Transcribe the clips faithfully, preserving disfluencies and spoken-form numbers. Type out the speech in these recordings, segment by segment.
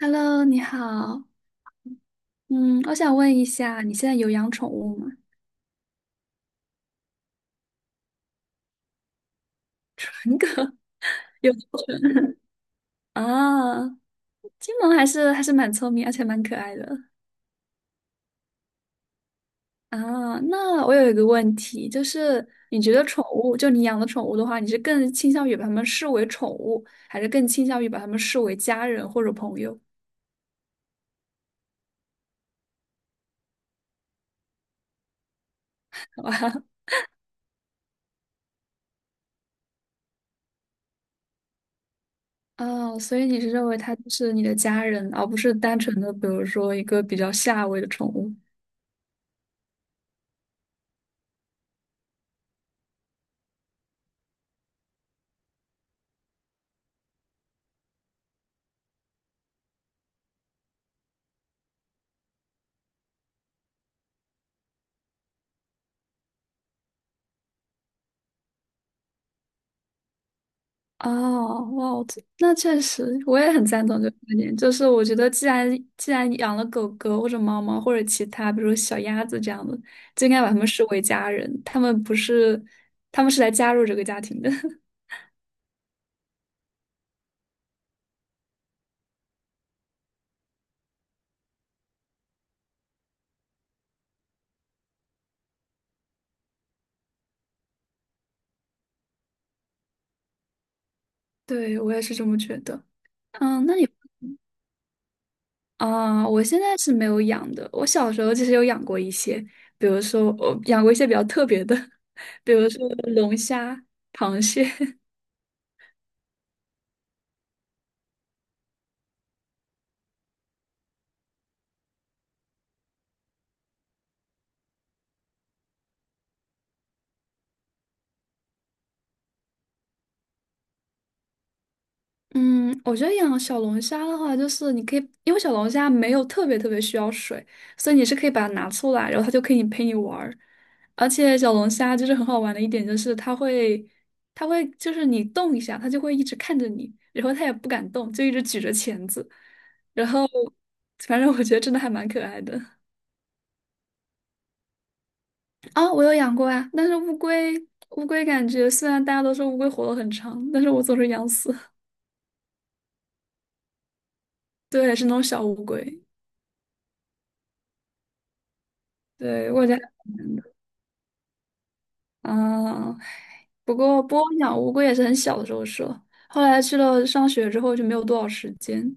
Hello，你好。嗯，我想问一下，你现在有养宠物吗？有啊，金毛还是还是蛮聪明，而且蛮可爱的啊。那我有一个问题，就是你觉得宠物，就你养的宠物的话，你是更倾向于把它们视为宠物，还是更倾向于把它们视为家人或者朋友？好吧。哦，所以你是认为它就是你的家人，而不是单纯的，比如说一个比较下位的宠物。哦，哇，我这那确实，我也很赞同这个观点。就是我觉得，既然既然养了狗狗或者猫猫或者其他，比如小鸭子这样的，就应该把它们视为家人。他们不是，他们是来加入这个家庭的。对，我也是这么觉得。嗯，那你啊，我现在是没有养的。我小时候其实有养过一些，比如说我养过一些比较特别的，比如说龙虾、螃蟹。嗯，我觉得养小龙虾的话，就是你可以，因为小龙虾没有特别特别需要水，所以你是可以把它拿出来，然后它就可以陪你玩儿。而且小龙虾就是很好玩的一点，就是它会，它会就是你动一下，它就会一直看着你，然后它也不敢动，就一直举着钳子。然后，反正我觉得真的还蛮可爱的。啊、我有养过啊，但是乌龟，乌龟感觉虽然大家都说乌龟活得很长，但是我总是养死。对，是那种小乌龟。对，我家。嗯，不过波音养乌龟也是很小的时候说，后来去了上学之后就没有多少时间。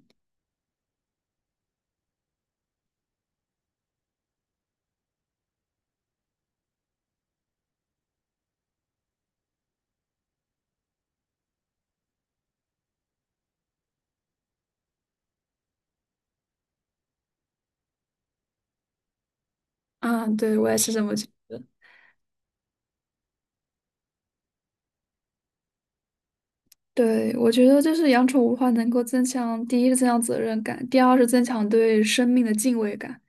啊，对，我也是这么觉得。对，我觉得就是养宠物的话，能够增强第一个增强责任感，第二是增强对生命的敬畏感。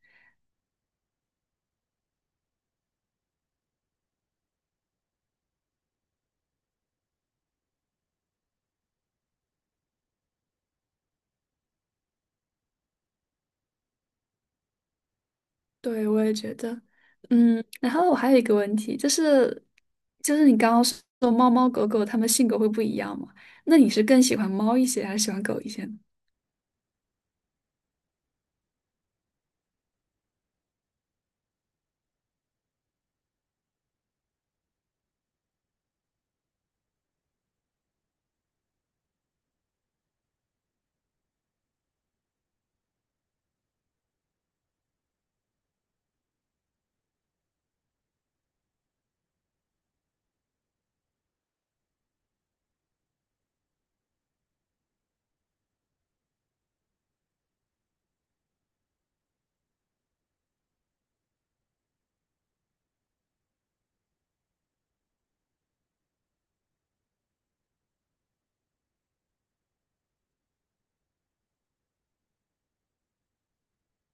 对，我也觉得。嗯，然后我还有一个问题，就是就是你刚刚说猫猫狗狗它们性格会不一样嘛？那你是更喜欢猫一些，还是喜欢狗一些呢？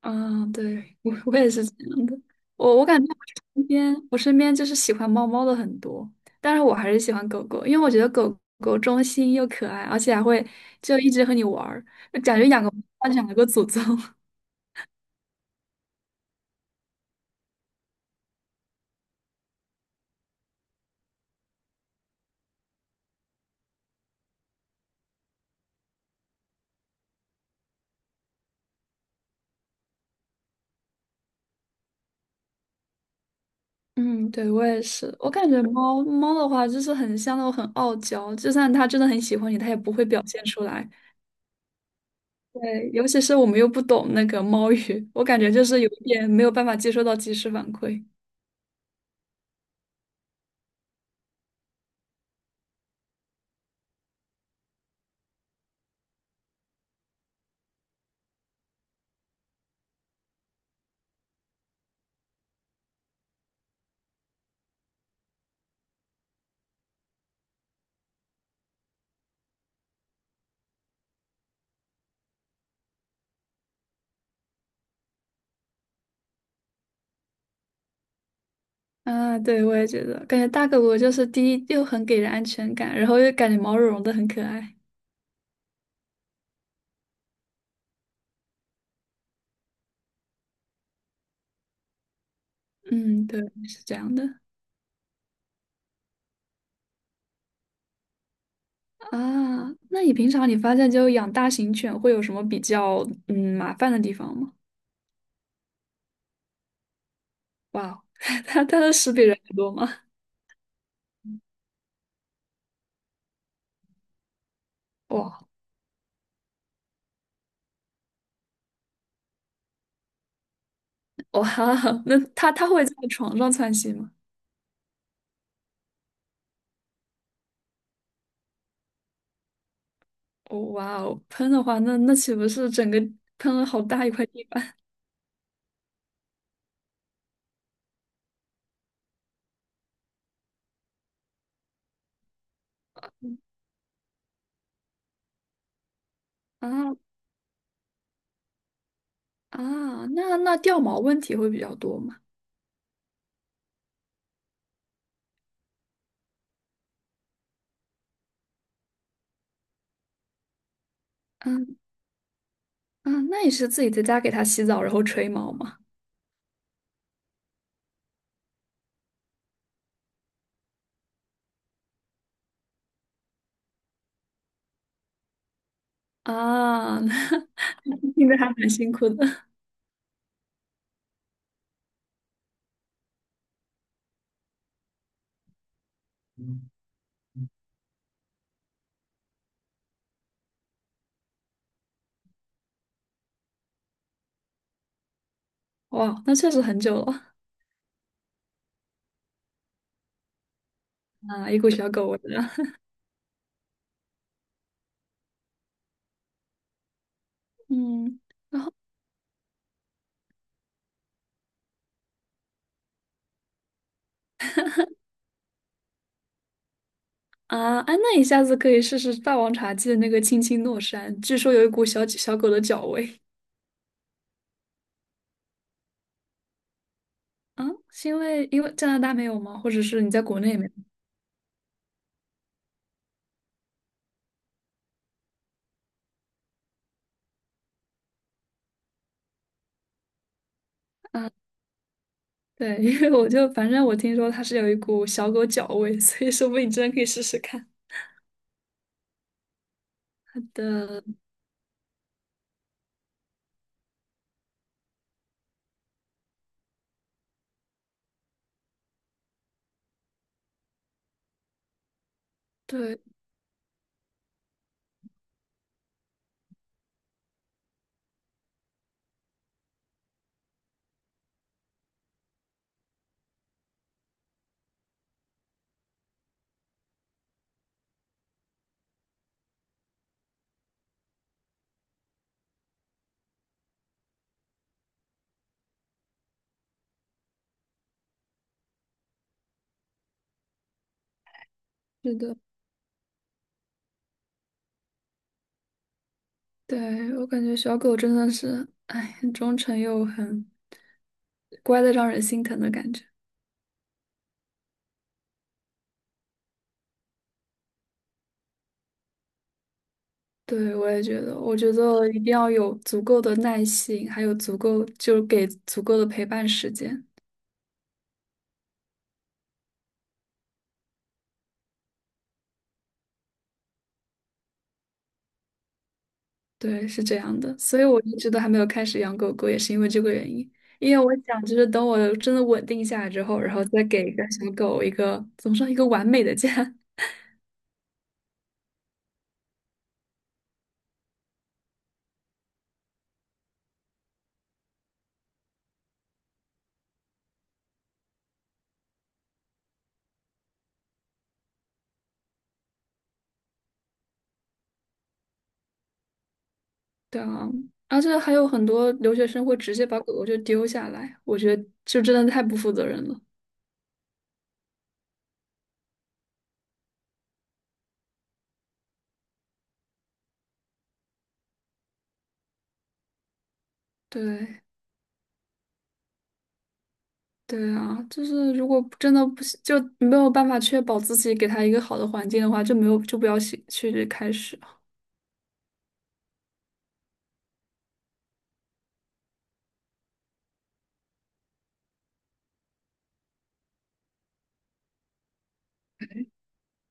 啊，对，我我也是这样的。我我感觉我身边我身边就是喜欢猫猫的很多，但是我还是喜欢狗狗，因为我觉得狗狗忠心又可爱，而且还会就一直和你玩儿，就感觉养个猫养了个祖宗。嗯，对，我也是。我感觉猫猫的话，就是很像那种很傲娇，就算它真的很喜欢你，它也不会表现出来。对，尤其是我们又不懂那个猫语，我感觉就是有一点没有办法接收到及时反馈。啊，对，我也觉得，感觉大狗不就是第一又很给人安全感，然后又感觉毛茸茸的很可爱。嗯，对，是这样的啊。那你平常你发现就养大型犬会有什么比较嗯麻烦的地方吗？哇哦，它它的屎比人还多吗？哇哇，那它它会在床上窜稀吗？哦哇哦，喷的话，那那岂不是整个喷了好大一块地板 啊啊？那那掉毛问题会比较多吗？嗯。啊，那你是自己在家给它洗澡，然后吹毛吗？啊，那 听着还蛮辛苦的。哇，那确实很久了啊，一股小狗味了。嗯啊，哎，那你下次可以试试霸王茶姬的那个青青诺山，据说有一股小小狗的脚味啊，是因为因为加拿大没有吗？或者是你在国内没有？啊，对，因为我就反正我听说它是有一股小狗脚味，所以说不定你真的可以试试看。的，对，是的。对，我感觉小狗真的是，哎，很忠诚又很乖的让人心疼的感觉。对，我也觉得，我觉得一定要有足够的耐心，还有足够，就是给足够的陪伴时间。对，是这样的，所以我一直都还没有开始养狗狗，也是因为这个原因。因为我想，就是等我真的稳定下来之后，然后再给一个小狗一个，怎么说，一个完美的家。对啊，而且还有很多留学生会直接把狗狗就丢下来，我觉得就真的太不负责任了。对，对啊，就是如果真的不行，就没有办法确保自己给它一个好的环境的话，就没有就不要去去开始。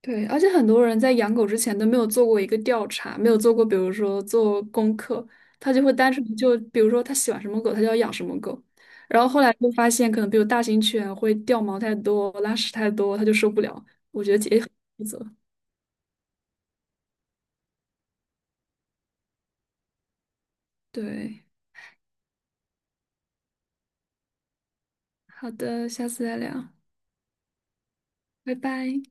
对，而且很多人在养狗之前都没有做过一个调查，没有做过，比如说做功课，他就会单纯就比如说他喜欢什么狗，他就要养什么狗。然后后来就发现，可能比如大型犬会掉毛太多、拉屎太多，他就受不了，负责。对。好的，下次再聊，拜拜。